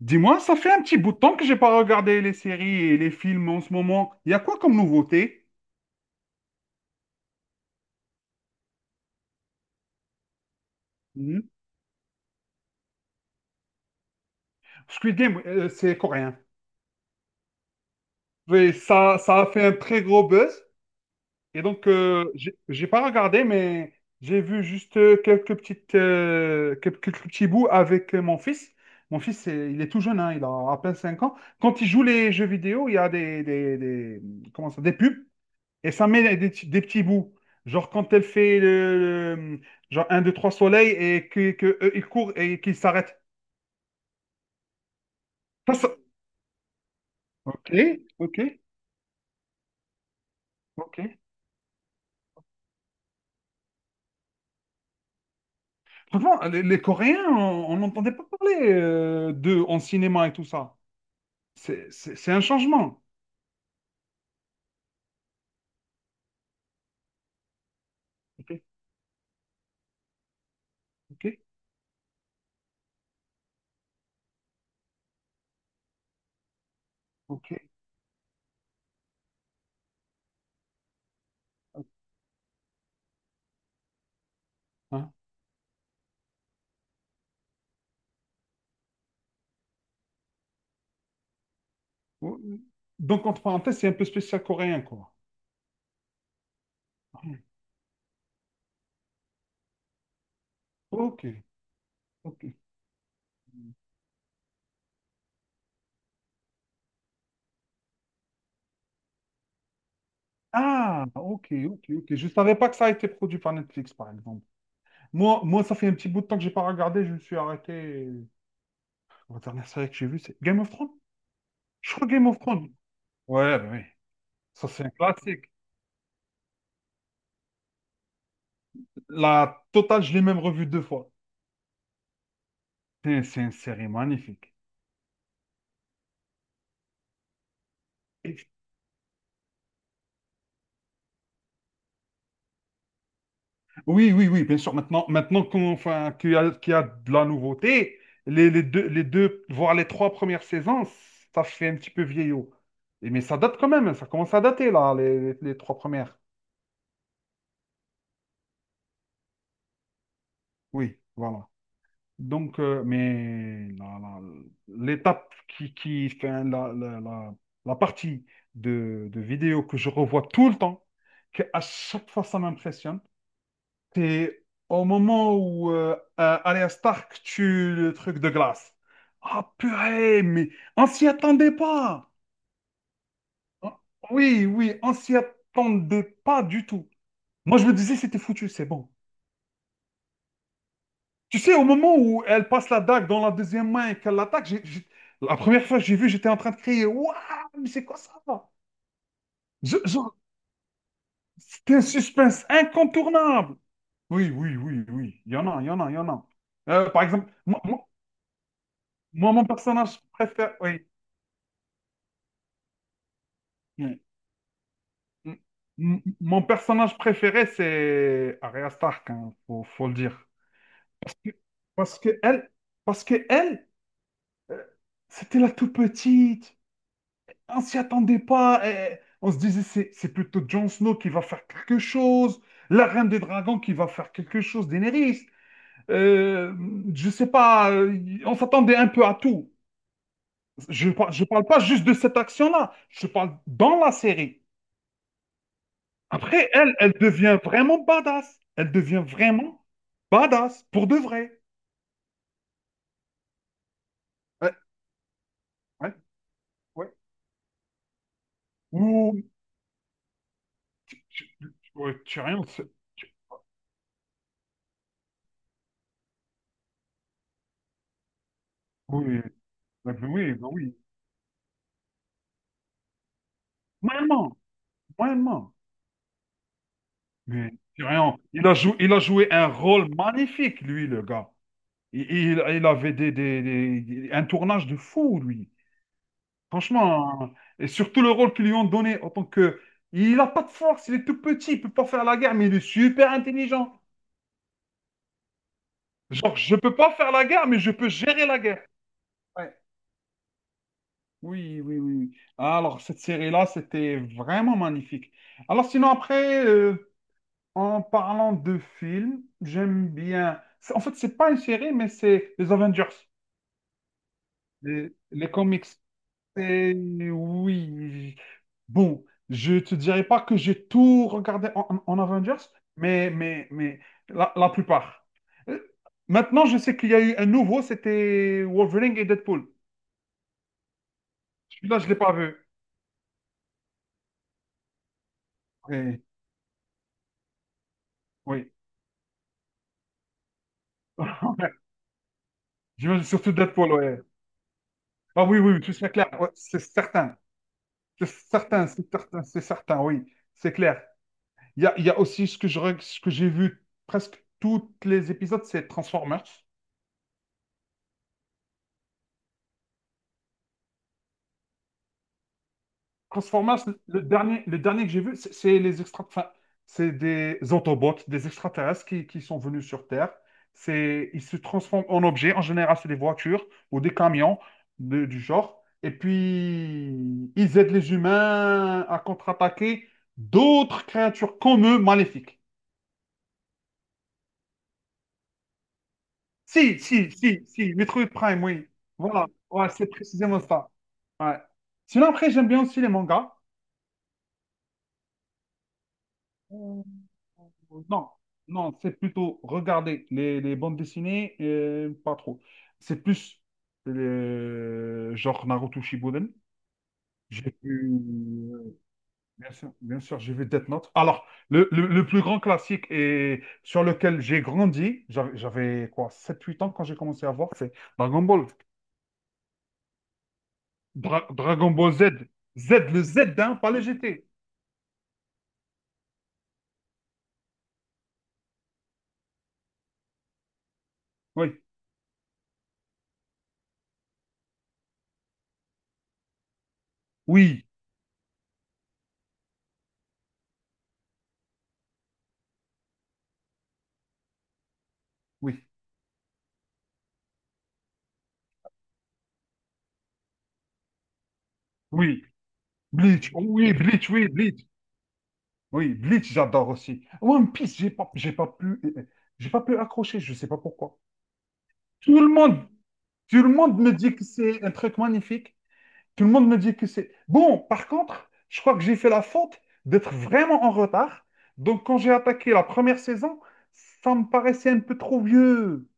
Dis-moi, ça fait un petit bout de temps que j'ai pas regardé les séries et les films en ce moment. Il y a quoi comme nouveauté? Mhm. Squid Game, c'est coréen. Oui, ça a fait un très gros buzz. Et donc, j'ai pas regardé, mais j'ai vu juste quelques petits bouts avec mon fils. Mon fils, il est tout jeune, hein, il a à peine 5 ans. Quand il joue les jeux vidéo, il y a comment ça, des pubs. Et ça met des petits bouts. Genre quand elle fait le- genre un 2, 3 soleils et que eux, ils courent et qu'ils s'arrêtent. Ça, ça- Ok, ok, ok. Franchement, les Coréens, on n'entendait pas parler d'eux en cinéma et tout ça. C'est un changement. Ok, ok, ok. Hein. Donc, entre parenthèses, c'est un peu spécial coréen, quoi. Ok, ok. Ah, ok, ok, ok. Je ne savais pas que ça a été produit par Netflix, par exemple. Moi, moi, ça fait un petit bout de temps que j'ai pas regardé, je me suis arrêté. La dernière série que j'ai vue, c'est Game of Thrones. Je crois Game of Thrones. Ouais, bah oui. Ça, c'est un classique. La totale, je l'ai même revue 2 fois. C'est une série magnifique. Oui, oui, oui, bien sûr. Maintenant qu'on, enfin, qu'il y a de la nouveauté, les deux, voire les trois premières saisons, ça fait un petit peu vieillot. Mais ça date quand même, hein. Ça commence à dater, là, les trois premières. Oui, voilà. Donc, l'étape qui fait la partie de vidéo que je revois tout le temps, que à chaque fois ça m'impressionne, c'est au moment où Arya Stark tue le truc de glace. Ah purée, mais on s'y attendait pas. Ah, oui, oui, on s'y attendait pas du tout. Moi, je me disais, c'était foutu, c'est bon. Tu sais, au moment où elle passe la dague dans la deuxième main et qu'elle l'attaque, la première fois que j'ai vu, j'étais en train de crier, Waouh, mais c'est quoi ça? Je- je- C'était un suspense incontournable. Oui, oui, oui, oui. Il y en a, il y en a, il y en a. Par exemple, mon personnage préféré, oui. Oui. M- Mon personnage préféré, c'est Arya Stark, hein, faut le dire. Parce que parce que elle, parce que elle, euh, c'était la toute petite. On s'y attendait pas. Eh, on se disait, c'est plutôt Jon Snow qui va faire quelque chose, la Reine des Dragons qui va faire quelque chose, Daenerys. Euh, je sais pas, on s'attendait un peu à tout. Je parle pas juste de cette action-là, je parle dans la série. Après, elle, elle devient vraiment badass. Elle devient vraiment badass, pour de vrai. Ouais, ouais, ouais. Ou, ouais, tu as rien, tu- oui, oui, oui, oui, bah oui. Moyennement, moyennement. Mais rien. Il a joué un rôle magnifique, lui, le gars. Il avait un tournage de fou, lui. Franchement, hein. Et surtout le rôle qu'ils lui ont donné en tant que... Il n'a pas de force, il est tout petit, il peut pas faire la guerre, mais il est super intelligent. Genre, je peux pas faire la guerre, mais je peux gérer la guerre. Ouais. Oui, oui, oui. Alors, cette série-là, c'était vraiment magnifique. Alors, sinon, après, en parlant de films, j'aime bien. En fait, c'est pas une série, mais c'est les Avengers, les comics. Et oui. Bon, je te dirais pas que j'ai tout regardé en, Avengers, mais, la plupart. Euh, Maintenant, je sais qu'il y a eu un nouveau, c'était Wolverine et Deadpool. Celui-là, je l'ai pas vu. Oui, oui. Je veux surtout Deadpool, ouais. Ah oui, oui, oui, tout c'est clair, ouais, c'est certain. C'est certain, c'est certain, c'est certain, oui, c'est clair. Il y a aussi ce que ce que j'ai vu presque tous les épisodes, c'est Transformers. Transformers, le dernier que j'ai vu, enfin, c'est des Autobots, des extraterrestres qui sont venus sur Terre. Ils se transforment en objets. En général, c'est des voitures ou des camions du genre. Et puis, ils aident les humains à contre-attaquer d'autres créatures comme eux maléfiques. Si, si, si, si, Metroid Prime, oui. Voilà, ouais, c'est précisément ça. Ouais. Sinon, après, j'aime bien aussi les mangas. Euh, Non, non, c'est plutôt regarder les bandes dessinées, pas trop. C'est plus le genre Naruto Shippuden. J'ai vu, euh, bien sûr, j'ai vu Death Note. Alors, le plus grand classique et sur lequel j'ai grandi, j'avais quoi, 7 8 ans quand j'ai commencé à voir, c'est Dragon Ball. Dragon Ball Z. Z, le Z, hein, pas le GT. Oui, oui, oui, oui. Bleach, Oh oui, Bleach, oui, Bleach. Oui, Bleach, j'adore aussi. One Piece, j'ai pas pu accrocher, je sais pas pourquoi. Tout le monde, tout le monde me dit que c'est un truc magnifique. Tout le monde me dit que c'est... Bon, par contre, je crois que j'ai fait la faute d'être vraiment en retard. Donc, quand j'ai attaqué la première saison, ça me paraissait un peu trop vieux.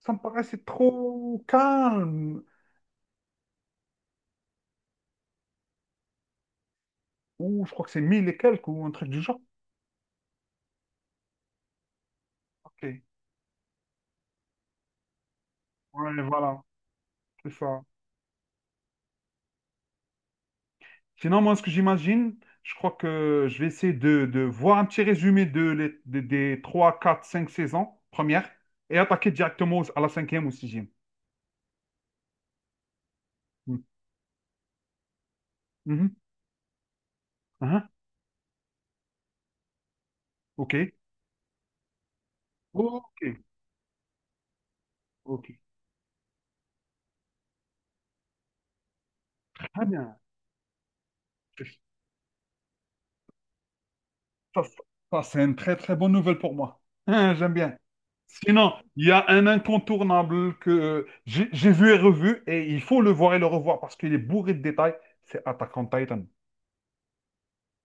Ça me paraissait trop calme. Ou je crois que c'est 1000 et quelques ou un truc du genre. Ok. Ouais, voilà, c'est ça. Sinon, moi, ce que j'imagine, je crois que je vais essayer de voir un petit résumé de, les- des 3, 4, 5 saisons premières et attaquer directement à la cinquième ou sixième. Hmm. Mhm. Hein? Ok. Ok. Ok. Très bien. Ça, ça, ça, c'est une très, très bonne nouvelle pour moi. Hein, j'aime bien. Sinon, il y a un incontournable que j'ai vu et revu, et il faut le voir et le revoir parce qu'il est bourré de détails, c'est Attack on Titan.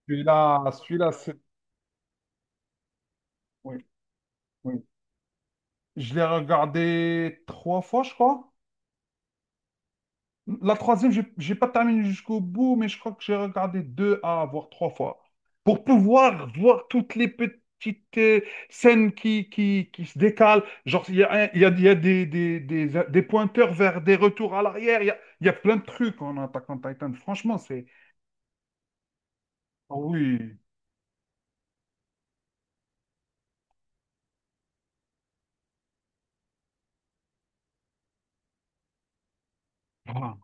Celui-là, celui-là, c'est... Oui, oui. Je l'ai regardé 3 fois, je crois. La troisième, j'ai pas terminé jusqu'au bout, mais je crois que j'ai regardé 2 à voire 3 fois pour pouvoir voir toutes les petites scènes qui se décalent. Genre, il y a, un- il y a des pointeurs vers des retours à l'arrière. Il y a plein de trucs en attaquant Titan. Franchement, c'est. Ah oui. Ah.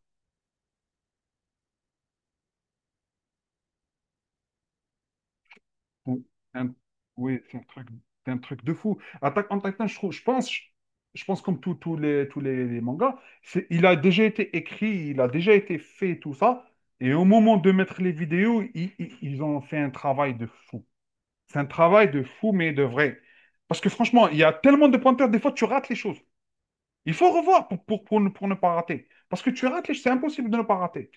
Ou un- Oui, c'est un truc de fou. Attaque on Titan, je trouve, je pense, je pense comme tous les mangas, c'est, il a déjà été écrit, il a déjà été fait, tout ça. Et au moment de mettre les vidéos, ils ont fait un travail de fou. C'est un travail de fou, mais de vrai. Parce que franchement, il y a tellement de pointeurs, des fois, tu rates les choses. Il faut revoir pour ne pas rater. Parce que tu rates les c'est impossible de ne pas rater.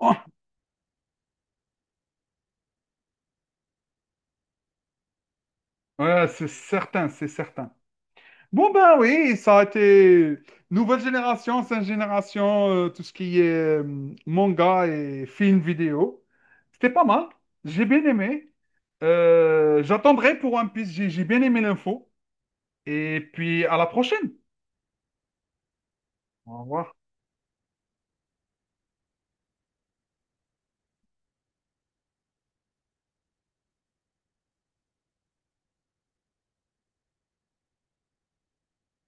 Oh, ouais, c'est certain, c'est certain. Bon ben oui, ça a été nouvelle génération, cinq génération, tout ce qui est manga et film vidéo. C'était pas mal, j'ai bien aimé. J'attendrai pour One Piece, j'ai bien aimé l'info. Et puis à la prochaine. Au revoir.